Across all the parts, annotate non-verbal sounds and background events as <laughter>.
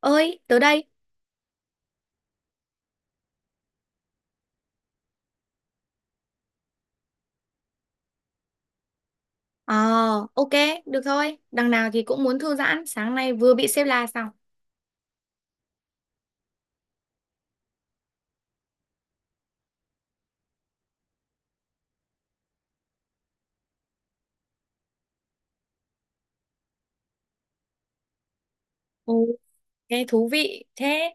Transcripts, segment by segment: Ơi, tớ đây. Ờ, ok, được thôi. Đằng nào thì cũng muốn thư giãn. Sáng nay vừa bị xếp la xong. Ồ, thế thú vị. Thế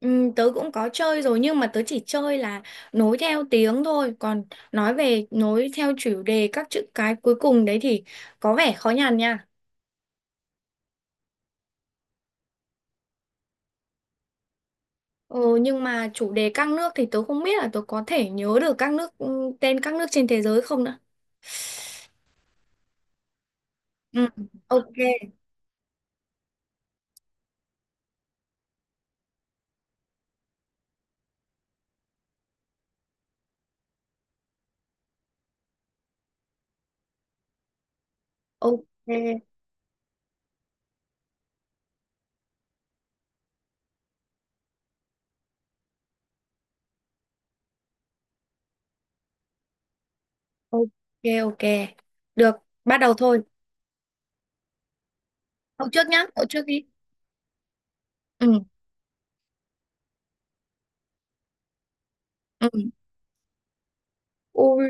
ừ, tớ cũng có chơi rồi nhưng mà tớ chỉ chơi là nối theo tiếng thôi. Còn nói về nối theo chủ đề các chữ cái cuối cùng đấy thì có vẻ khó nhằn nha. Ừ, nhưng mà chủ đề các nước thì tớ không biết là tớ có thể nhớ được các nước tên các nước trên thế giới không nữa. Ừ, ok, ok, ok, ok. Được, bắt đầu thôi. Cậu trước nhá, cậu trước đi. ừ ừ Ôi,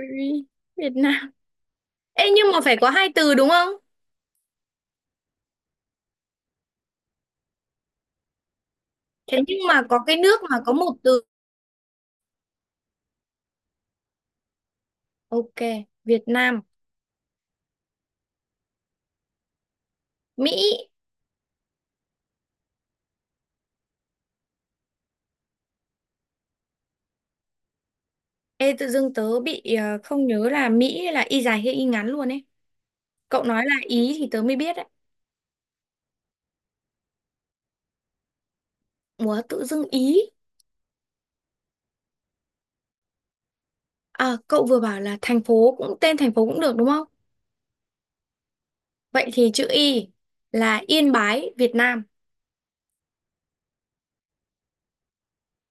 Việt Nam. Ê, nhưng mà phải có hai từ đúng không? Thế nhưng mà có cái nước mà có một từ. Ok, Việt Nam. Mỹ. Ê, tự dưng tớ bị không nhớ là Mỹ là y dài hay y ngắn luôn ấy. Cậu nói là Ý thì tớ mới biết đấy. Ủa, tự dưng Ý. À, cậu vừa bảo là thành phố cũng tên thành phố cũng được đúng không? Vậy thì chữ Y là Yên Bái Việt Nam.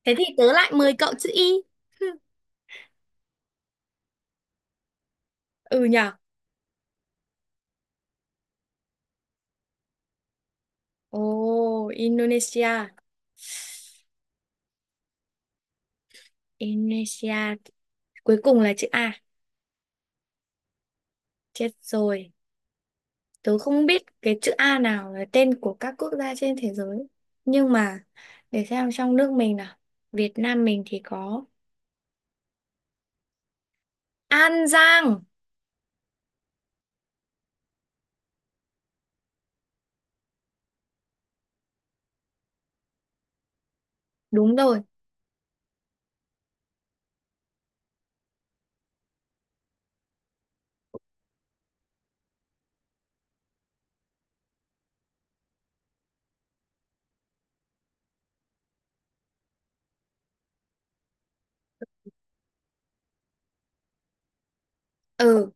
Thế thì tớ lại mời cậu chữ Y. <laughs> Ừ nhở. Ồ, Indonesia. Indonesia cuối cùng là chữ A. Chết rồi, tớ không biết cái chữ A nào là tên của các quốc gia trên thế giới, nhưng mà để xem trong nước mình nào. Việt Nam mình thì có An Giang. Đúng rồi. Ừ.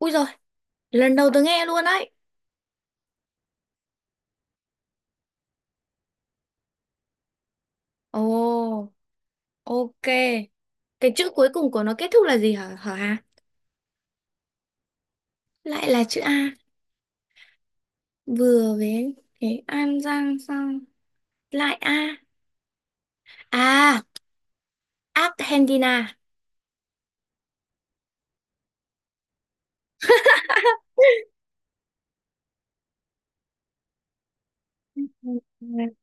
Ui rồi, lần đầu tớ nghe luôn đấy. Ồ, ok, cái chữ cuối cùng của nó kết thúc là gì hả, hả Hà? Lại là chữ A. Vừa với cái An Giang xong lại A. À, Argentina. <laughs>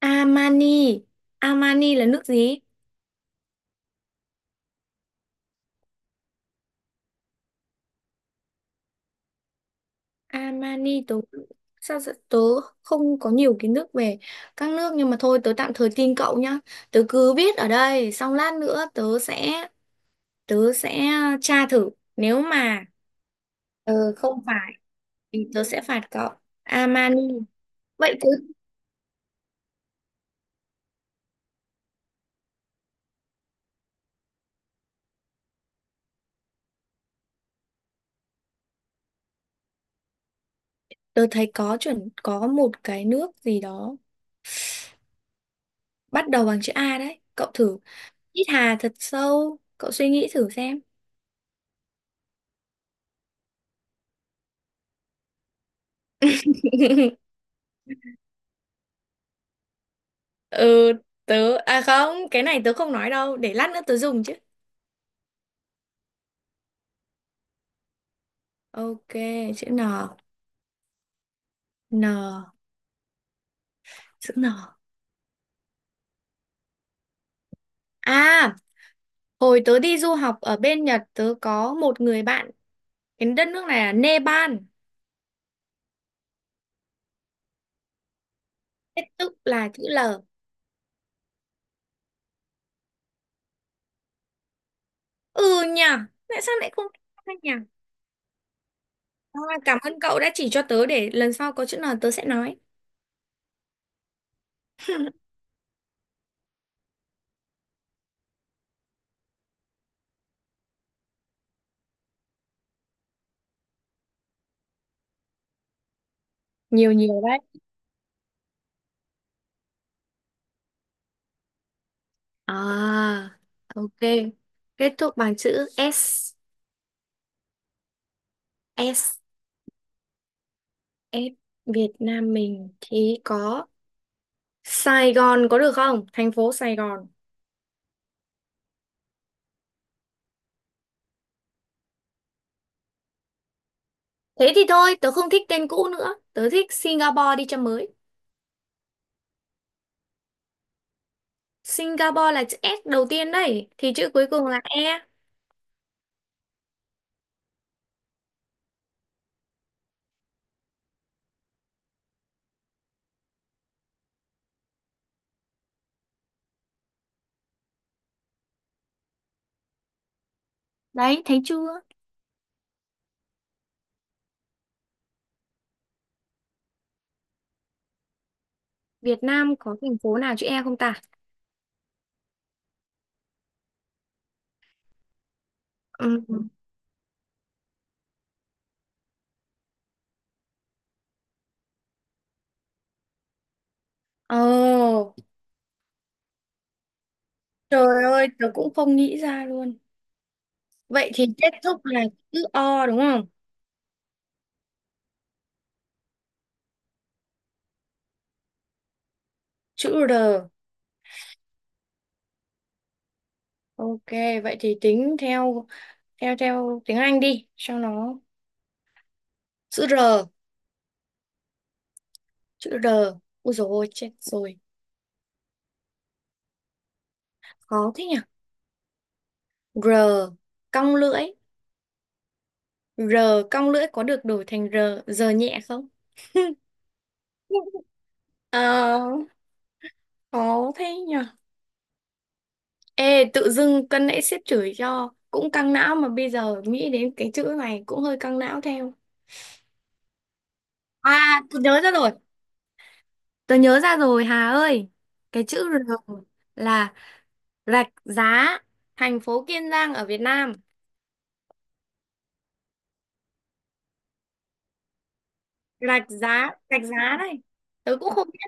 Armani. Armani là nước gì? Armani tớ tớ không có nhiều kiến thức về các nước nhưng mà thôi, tớ tạm thời tin cậu nhá. Tớ cứ viết ở đây xong lát nữa tớ sẽ tra thử. Nếu mà không phải thì tớ sẽ phạt cậu Armani. Vậy tớ Tớ thấy có chuẩn có một cái nước gì đó bắt đầu bằng chữ A đấy, cậu thử hít hà thật sâu, cậu suy nghĩ thử xem. <laughs> Ừ, tớ à không, cái này tớ không nói đâu, để lát nữa tớ dùng chứ. Ok, chữ N. N chữ N À, hồi tớ đi du học ở bên Nhật tớ có một người bạn, cái đất nước này là Nepal. Thế tức là chữ L. Ừ nhờ, tại sao lại không ra nhỉ? À, cảm ơn cậu đã chỉ cho tớ, để lần sau có chữ N tớ sẽ nói. Nhiều nhiều đấy. À, ok, kết thúc bằng chữ S. S S Việt Nam mình thì có Sài Gòn, có được không? Thành phố Sài Gòn. Thế thì thôi, tớ không thích tên cũ nữa. Tớ thích Singapore đi cho mới. Singapore là chữ S đầu tiên đấy. Thì chữ cuối cùng là E. Đấy, thấy chưa? Việt Nam có thành phố nào chữ E không ta? Ừ. Ồ, trời ơi, tớ cũng không nghĩ ra luôn. Vậy thì kết thúc là chữ O đúng không? Chữ R. Ok, vậy thì tính theo theo theo tiếng Anh đi cho nó chữ R, chữ R. Ôi dồi ôi, chết rồi. Khó thế nhỉ? R cong lưỡi, R cong lưỡi có được đổi thành R giờ nhẹ không? <laughs> Ờ, khó thế nhở. Ê, tự dưng cân nãy sếp chửi cho cũng căng não mà bây giờ nghĩ đến cái chữ này cũng hơi căng não theo. À, tôi nhớ ra rồi. Tôi nhớ ra rồi Hà ơi. Cái chữ R là rạch giá, thành phố Kiên Giang ở Việt Nam. Rạch giá đây. Tớ cũng không biết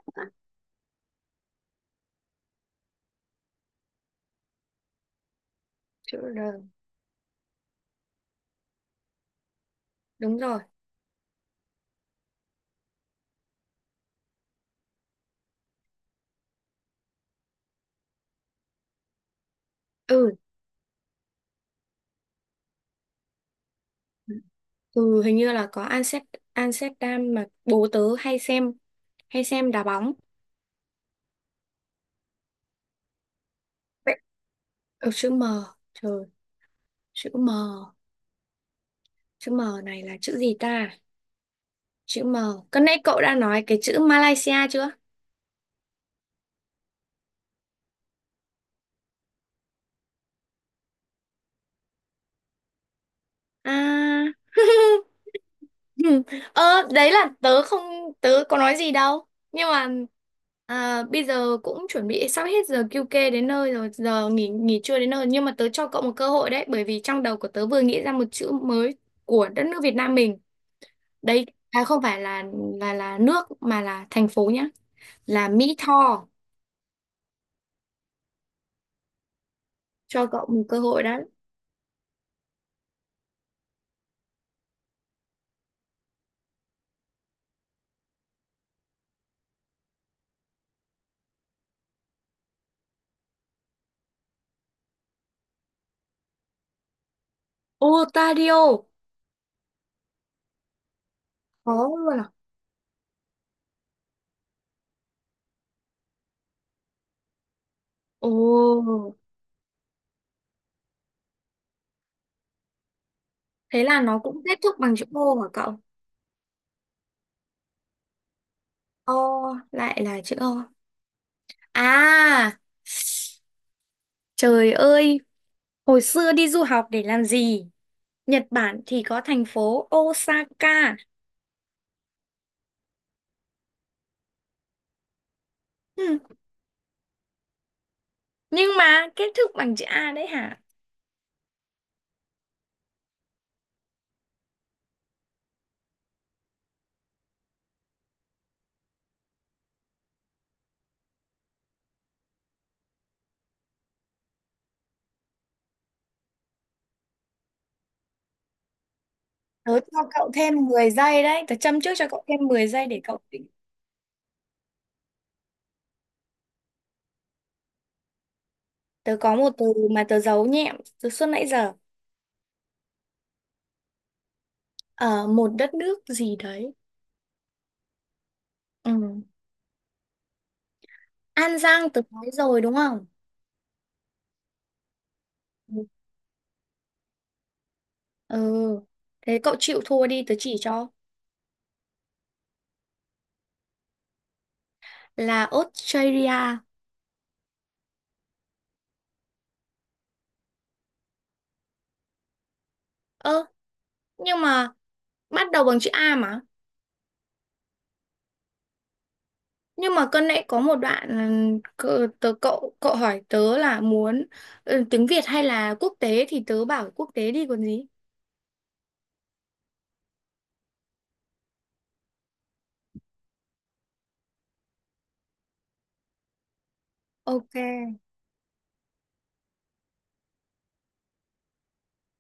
chữ R. Đúng rồi. Ừ. Ừ, hình như là có Amsterdam, Amsterdam mà bố tớ hay xem, hay xem đá bóng. Vậy ừ, chữ M. Trời, chữ M. Chữ M này là chữ gì ta? Chữ M. Cái nãy cậu đã nói cái chữ Malaysia chưa? À. <laughs> Ờ, đấy là tớ không, tớ có nói gì đâu. Nhưng mà à, bây giờ cũng chuẩn bị sắp hết giờ QK đến nơi rồi, giờ nghỉ nghỉ trưa đến nơi. Nhưng mà tớ cho cậu một cơ hội đấy, bởi vì trong đầu của tớ vừa nghĩ ra một chữ mới của đất nước Việt Nam mình. Đây à, không phải là là nước mà là thành phố nhá. Là Mỹ Tho, cho cậu một cơ hội đó. Ontario. Có luôn à? Ồ, thế là nó cũng kết thúc bằng chữ O hả cậu? O, lại là chữ O. À, trời ơi, hồi xưa đi du học để làm gì? Nhật Bản thì có thành phố Osaka. Ừ, nhưng mà kết thúc bằng chữ A đấy hả? Tớ cho cậu thêm 10 giây đấy, tớ châm trước cho cậu thêm 10 giây để cậu... Tớ có một từ mà tớ giấu nhẹm từ suốt nãy giờ. Ở một đất nước gì đấy. Ừ. An Giang tớ nói rồi đúng không? Ừ. Ừ. Thế cậu chịu thua đi, tớ chỉ cho. Là Australia. Ơ, nhưng mà bắt đầu bằng chữ A mà. Nhưng mà cân nãy có một đoạn ừ, cậu hỏi tớ là muốn ừ, tiếng Việt hay là quốc tế thì tớ bảo quốc tế đi còn gì. Ok.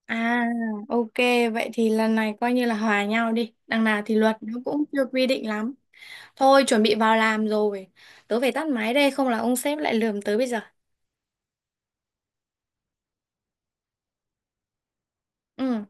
À, ok, vậy thì lần này coi như là hòa nhau đi. Đằng nào thì luật nó cũng chưa quy định lắm. Thôi, chuẩn bị vào làm rồi. Tớ phải tắt máy đây, không là ông sếp lại lườm tớ bây giờ. Ừ.